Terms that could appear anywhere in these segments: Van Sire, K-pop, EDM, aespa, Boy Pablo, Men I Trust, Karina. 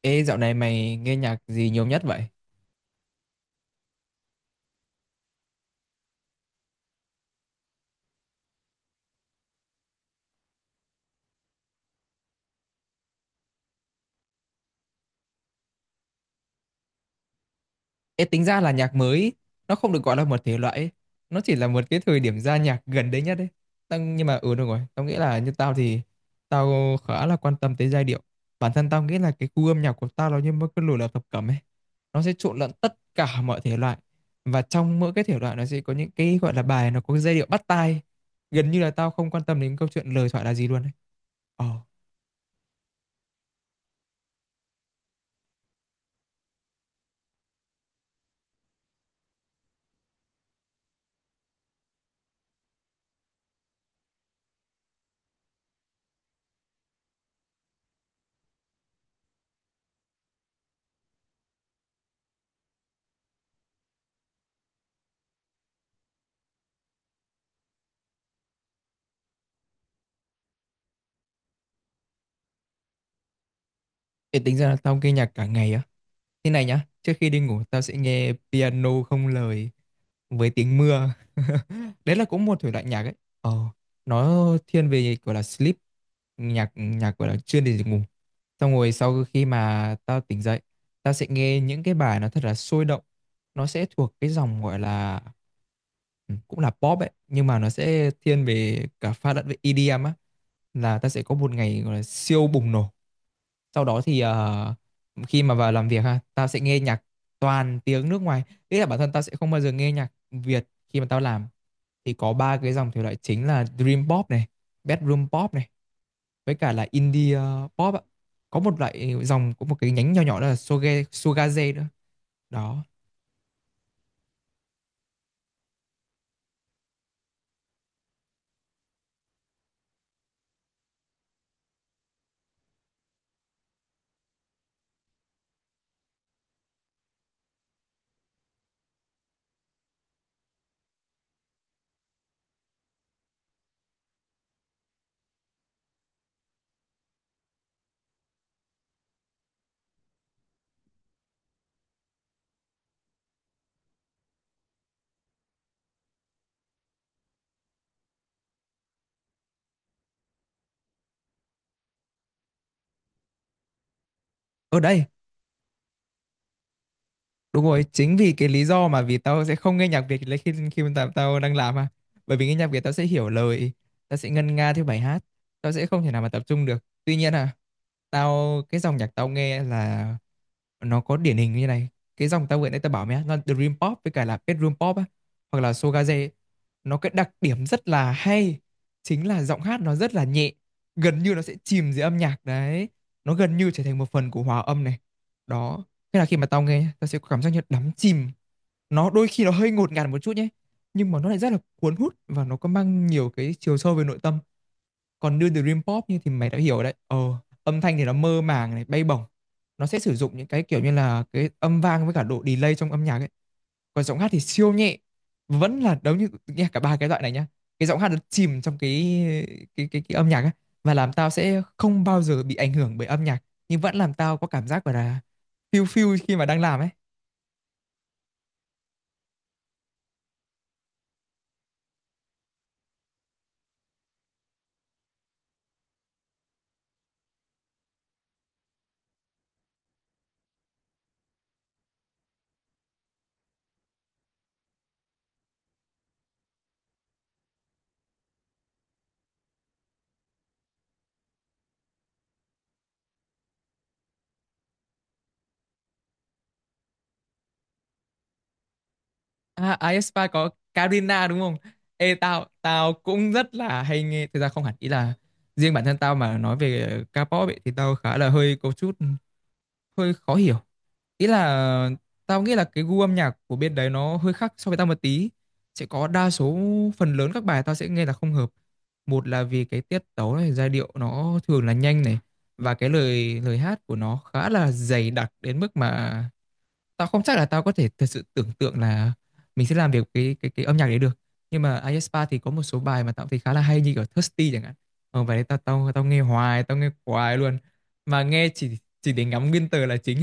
Ê, dạo này mày nghe nhạc gì nhiều nhất vậy? Ê, tính ra là nhạc mới, ý, nó không được gọi là một thể loại, ấy. Nó chỉ là một cái thời điểm ra nhạc gần đấy nhất đấy. Tao, nhưng mà ừ đúng rồi, tao nghĩ là như tao thì tao khá là quan tâm tới giai điệu. Bản thân tao nghĩ là cái gu âm nhạc của tao nó như một cái lùi là thập cẩm ấy. Nó sẽ trộn lẫn tất cả mọi thể loại và trong mỗi cái thể loại nó sẽ có những cái gọi là bài nó có cái giai điệu bắt tai. Gần như là tao không quan tâm đến câu chuyện lời thoại là gì luôn ấy. Ồ, ê, tính ra là tao nghe nhạc cả ngày à? Thế này nhá, trước khi đi ngủ tao sẽ nghe piano không lời với tiếng mưa. Đấy là cũng một thể loại nhạc ấy. Ờ, nó thiên về gọi là sleep, nhạc nhạc gọi là chuyên để ngủ. Xong rồi sau khi mà tao tỉnh dậy, tao sẽ nghe những cái bài nó thật là sôi động. Nó sẽ thuộc cái dòng gọi là ừ, cũng là pop ấy, nhưng mà nó sẽ thiên về cả pha lẫn với EDM á, là ta sẽ có một ngày gọi là siêu bùng nổ. Sau đó thì khi mà vào làm việc ha, tao sẽ nghe nhạc toàn tiếng nước ngoài, nghĩa là bản thân tao sẽ không bao giờ nghe nhạc Việt khi mà tao làm. Thì có ba cái dòng thể loại chính là dream pop này, bedroom pop này, với cả là indie pop ạ. Có một loại dòng, có một cái nhánh nhỏ nhỏ đó là shogaze nữa. Đó ở đây. Đúng rồi, chính vì cái lý do mà vì tao sẽ không nghe nhạc Việt lấy khi khi mà tao đang làm mà. Bởi vì nghe nhạc Việt tao sẽ hiểu lời, tao sẽ ngân nga theo bài hát, tao sẽ không thể nào mà tập trung được. Tuy nhiên à, tao cái dòng nhạc tao nghe là nó có điển hình như này. Cái dòng tao vừa nãy tao bảo mày á, nó Dream Pop với cả là Bedroom Pop á, hoặc là Showgaze, ấy, nó cái đặc điểm rất là hay chính là giọng hát nó rất là nhẹ, gần như nó sẽ chìm dưới âm nhạc đấy. Nó gần như trở thành một phần của hòa âm này. Đó. Thế là khi mà tao nghe, tao sẽ có cảm giác như đắm chìm. Nó đôi khi nó hơi ngột ngạt một chút nhé. Nhưng mà nó lại rất là cuốn hút và nó có mang nhiều cái chiều sâu về nội tâm. Còn như Dream Pop như thì mày đã hiểu đấy. Ờ, Âm thanh thì nó mơ màng này, bay bổng. Nó sẽ sử dụng những cái kiểu như là cái âm vang với cả độ delay trong âm nhạc ấy. Còn giọng hát thì siêu nhẹ. Vẫn là giống như nghe cả ba cái loại này nhá. Cái giọng hát nó chìm trong cái cái âm nhạc ấy. Và làm tao sẽ không bao giờ bị ảnh hưởng bởi âm nhạc. Nhưng vẫn làm tao có cảm giác gọi là phiêu phiêu khi mà đang làm ấy. À, aespa có Karina đúng không? Ê, tao tao cũng rất là hay nghe, thực ra không hẳn, ý là riêng bản thân tao mà nói về K-pop ấy, thì tao khá là hơi có chút hơi khó hiểu. Ý là tao nghĩ là cái gu âm nhạc của bên đấy nó hơi khác so với tao một tí. Sẽ có đa số, phần lớn các bài tao sẽ nghe là không hợp. Một là vì cái tiết tấu này, giai điệu nó thường là nhanh này, và cái lời lời hát của nó khá là dày đặc đến mức mà tao không chắc là tao có thể thật sự tưởng tượng là mình sẽ làm được cái cái âm nhạc đấy được. Nhưng mà aespa thì có một số bài mà tao thấy khá là hay như kiểu Thirsty chẳng hạn. Ờ, bài đấy tao tao tao nghe hoài, tao nghe hoài luôn, mà nghe chỉ để ngắm nguyên tờ là chính.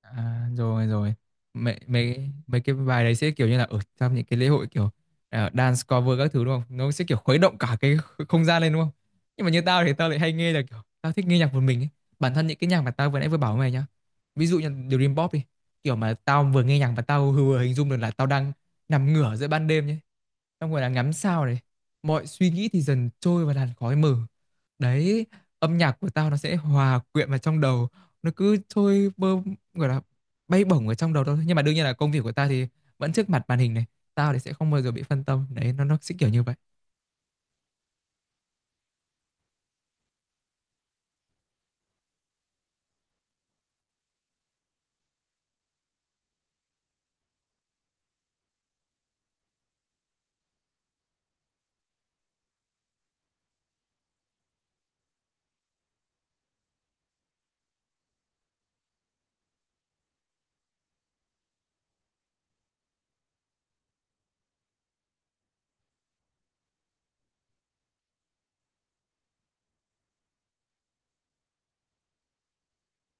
À, rồi rồi, mấy mấy mấy cái bài đấy sẽ kiểu như là ở trong những cái lễ hội, kiểu à, dance cover các thứ đúng không, nó sẽ kiểu khuấy động cả cái không gian lên đúng không. Nhưng mà như tao thì tao lại hay nghe là kiểu tao thích nghe nhạc một mình ấy. Bản thân những cái nhạc mà tao vừa nãy vừa bảo với mày nhá, ví dụ như Dream Pop đi, kiểu mà tao vừa nghe nhạc và tao vừa hình dung được là tao đang nằm ngửa giữa ban đêm nhé, xong rồi là ngắm sao này, mọi suy nghĩ thì dần trôi vào làn khói mờ đấy, âm nhạc của tao nó sẽ hòa quyện vào trong đầu, nó cứ trôi bơ, gọi là bay bổng ở trong đầu tao thôi. Nhưng mà đương nhiên là công việc của ta thì vẫn trước mặt màn hình này, tao thì sẽ không bao giờ bị phân tâm đấy, nó sẽ kiểu như vậy.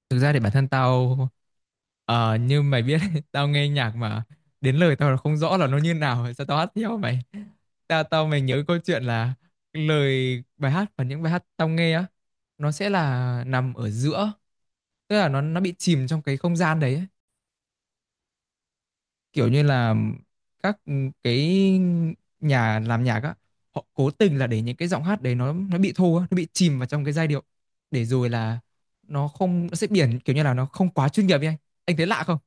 Thực ra thì bản thân tao, như mày biết đấy, tao nghe nhạc mà đến lời tao là không rõ là nó như nào, sao tao hát theo mày. Tao tao mày nhớ câu chuyện là lời bài hát và những bài hát tao nghe á, nó sẽ là nằm ở giữa, tức là nó bị chìm trong cái không gian đấy ấy. Kiểu như là các ừ, cái nhà làm nhạc á, họ cố tình là để những cái giọng hát đấy nó bị thô á, nó bị chìm vào trong cái giai điệu, để rồi là nó không nó sẽ biển kiểu như là nó không quá chuyên nghiệp ấy anh. Anh thấy lạ không?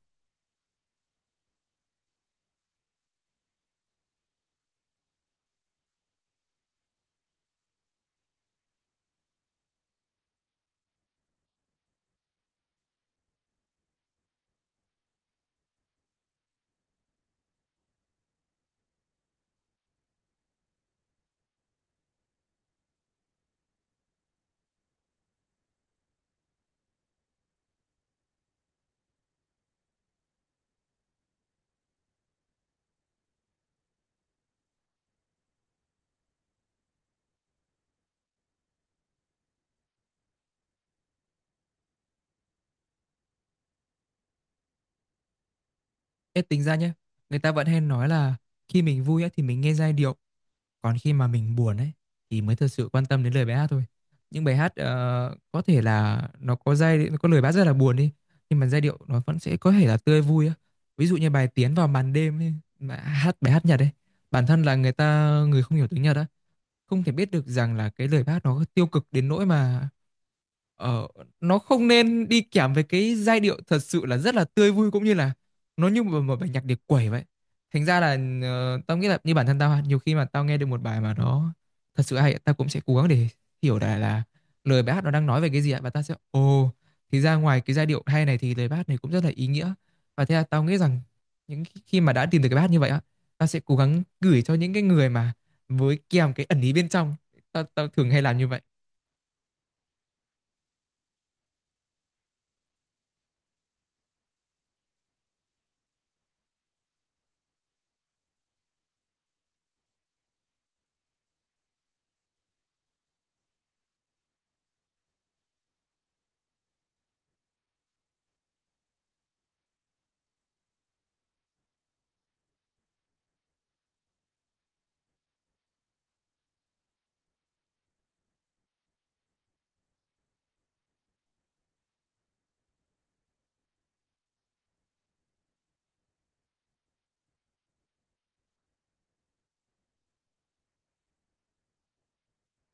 Em tính ra nhé, người ta vẫn hay nói là khi mình vui á, thì mình nghe giai điệu. Còn khi mà mình buồn ấy thì mới thật sự quan tâm đến lời bài hát thôi. Những bài hát có thể là nó có giai nó có lời bài hát rất là buồn đi, nhưng mà giai điệu nó vẫn sẽ có thể là tươi vui á. Ví dụ như bài Tiến vào màn đêm ấy, mà hát bài hát Nhật ấy, bản thân là người không hiểu tiếng Nhật á, không thể biết được rằng là cái lời bác nó tiêu cực đến nỗi mà ờ, nó không nên đi kèm với cái giai điệu thật sự là rất là tươi vui, cũng như là nó như một bài nhạc điệp quẩy vậy. Thành ra là, tao nghĩ là như bản thân tao nhiều khi mà tao nghe được một bài mà nó thật sự hay, tao cũng sẽ cố gắng để hiểu là lời bài hát nó đang nói về cái gì ạ, và tao sẽ ồ, thì ra ngoài cái giai điệu hay này thì lời bài hát này cũng rất là ý nghĩa. Và thế là tao nghĩ rằng những khi mà đã tìm được cái bài hát như vậy á, tao sẽ cố gắng gửi cho những cái người mà với kèm cái ẩn ý bên trong. Tao tao thường hay làm như vậy.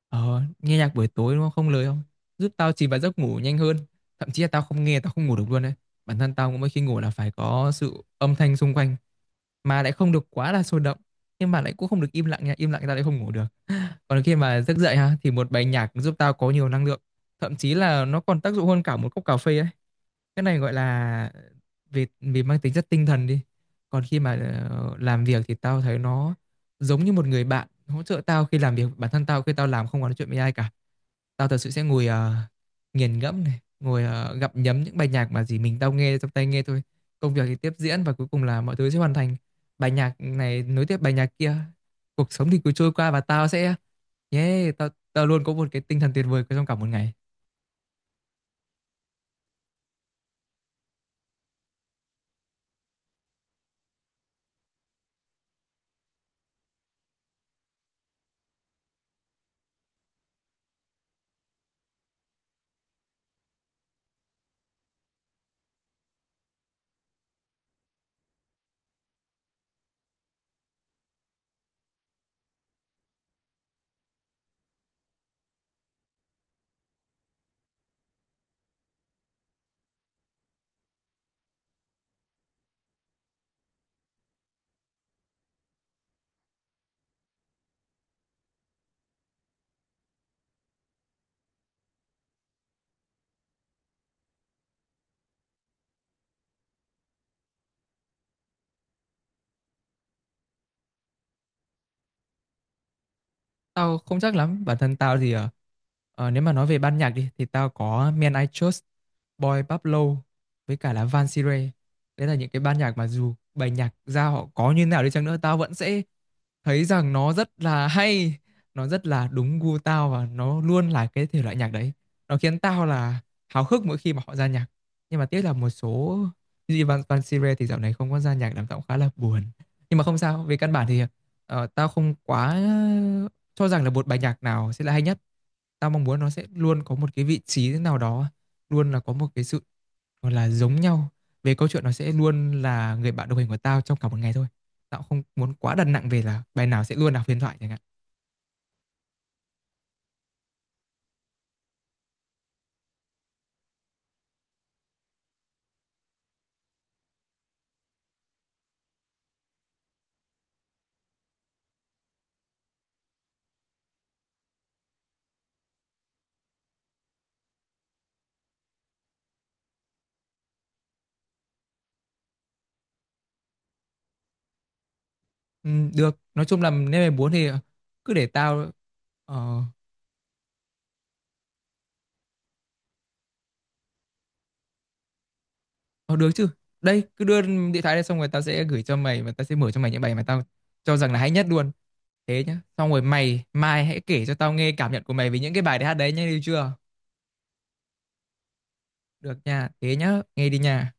Ờ, nghe nhạc buổi tối nó không không lời không giúp tao chìm vào giấc ngủ nhanh hơn, thậm chí là tao không nghe tao không ngủ được luôn đấy. Bản thân tao cũng mỗi khi ngủ là phải có sự âm thanh xung quanh, mà lại không được quá là sôi động, nhưng mà lại cũng không được im lặng nha, im lặng tao lại không ngủ được. Còn khi mà giấc dậy ha, thì một bài nhạc giúp tao có nhiều năng lượng, thậm chí là nó còn tác dụng hơn cả một cốc cà phê ấy. Cái này gọi là vì vì mang tính chất tinh thần đi. Còn khi mà làm việc thì tao thấy nó giống như một người bạn hỗ trợ tao khi làm việc. Bản thân tao khi tao làm không có nói chuyện với ai cả, tao thật sự sẽ ngồi nghiền ngẫm này, ngồi gặm nhấm những bài nhạc mà gì mình tao nghe trong tai nghe thôi. Công việc thì tiếp diễn và cuối cùng là mọi thứ sẽ hoàn thành, bài nhạc này nối tiếp bài nhạc kia, cuộc sống thì cứ trôi qua, và tao sẽ yeah, tao tao luôn có một cái tinh thần tuyệt vời trong cả một ngày. Tao không chắc lắm, bản thân tao thì nếu mà nói về ban nhạc đi thì tao có Men I Trust, Boy Pablo với cả là Van Sire. Đấy là những cái ban nhạc mà dù bài nhạc ra họ có như nào đi chăng nữa, tao vẫn sẽ thấy rằng nó rất là hay, nó rất là đúng gu tao, và nó luôn là cái thể loại nhạc đấy, nó khiến tao là háo hức mỗi khi mà họ ra nhạc. Nhưng mà tiếc là một số như Van Van Sire thì dạo này không có ra nhạc làm tao cũng khá là buồn. Nhưng mà không sao, về căn bản thì, tao không quá cho rằng là một bài nhạc nào sẽ là hay nhất. Tao mong muốn nó sẽ luôn có một cái vị trí thế nào đó, luôn là có một cái sự gọi là giống nhau, về câu chuyện nó sẽ luôn là người bạn đồng hành của tao trong cả một ngày thôi. Tao cũng không muốn quá đặt nặng về là bài nào sẽ luôn là huyền thoại chẳng hạn. Được, nói chung là nếu mày muốn thì ờ, cứ để tao... Ờ, ờ, được chứ. Đây, cứ đưa điện thoại đây xong rồi tao sẽ gửi cho mày, và tao sẽ mở cho mày những bài mà tao cho rằng là hay nhất luôn. Thế nhá. Xong rồi mày, mai hãy kể cho tao nghe cảm nhận của mày về những cái bài hát đấy nhá, được chưa? Được nha, thế nhá, nghe đi nha.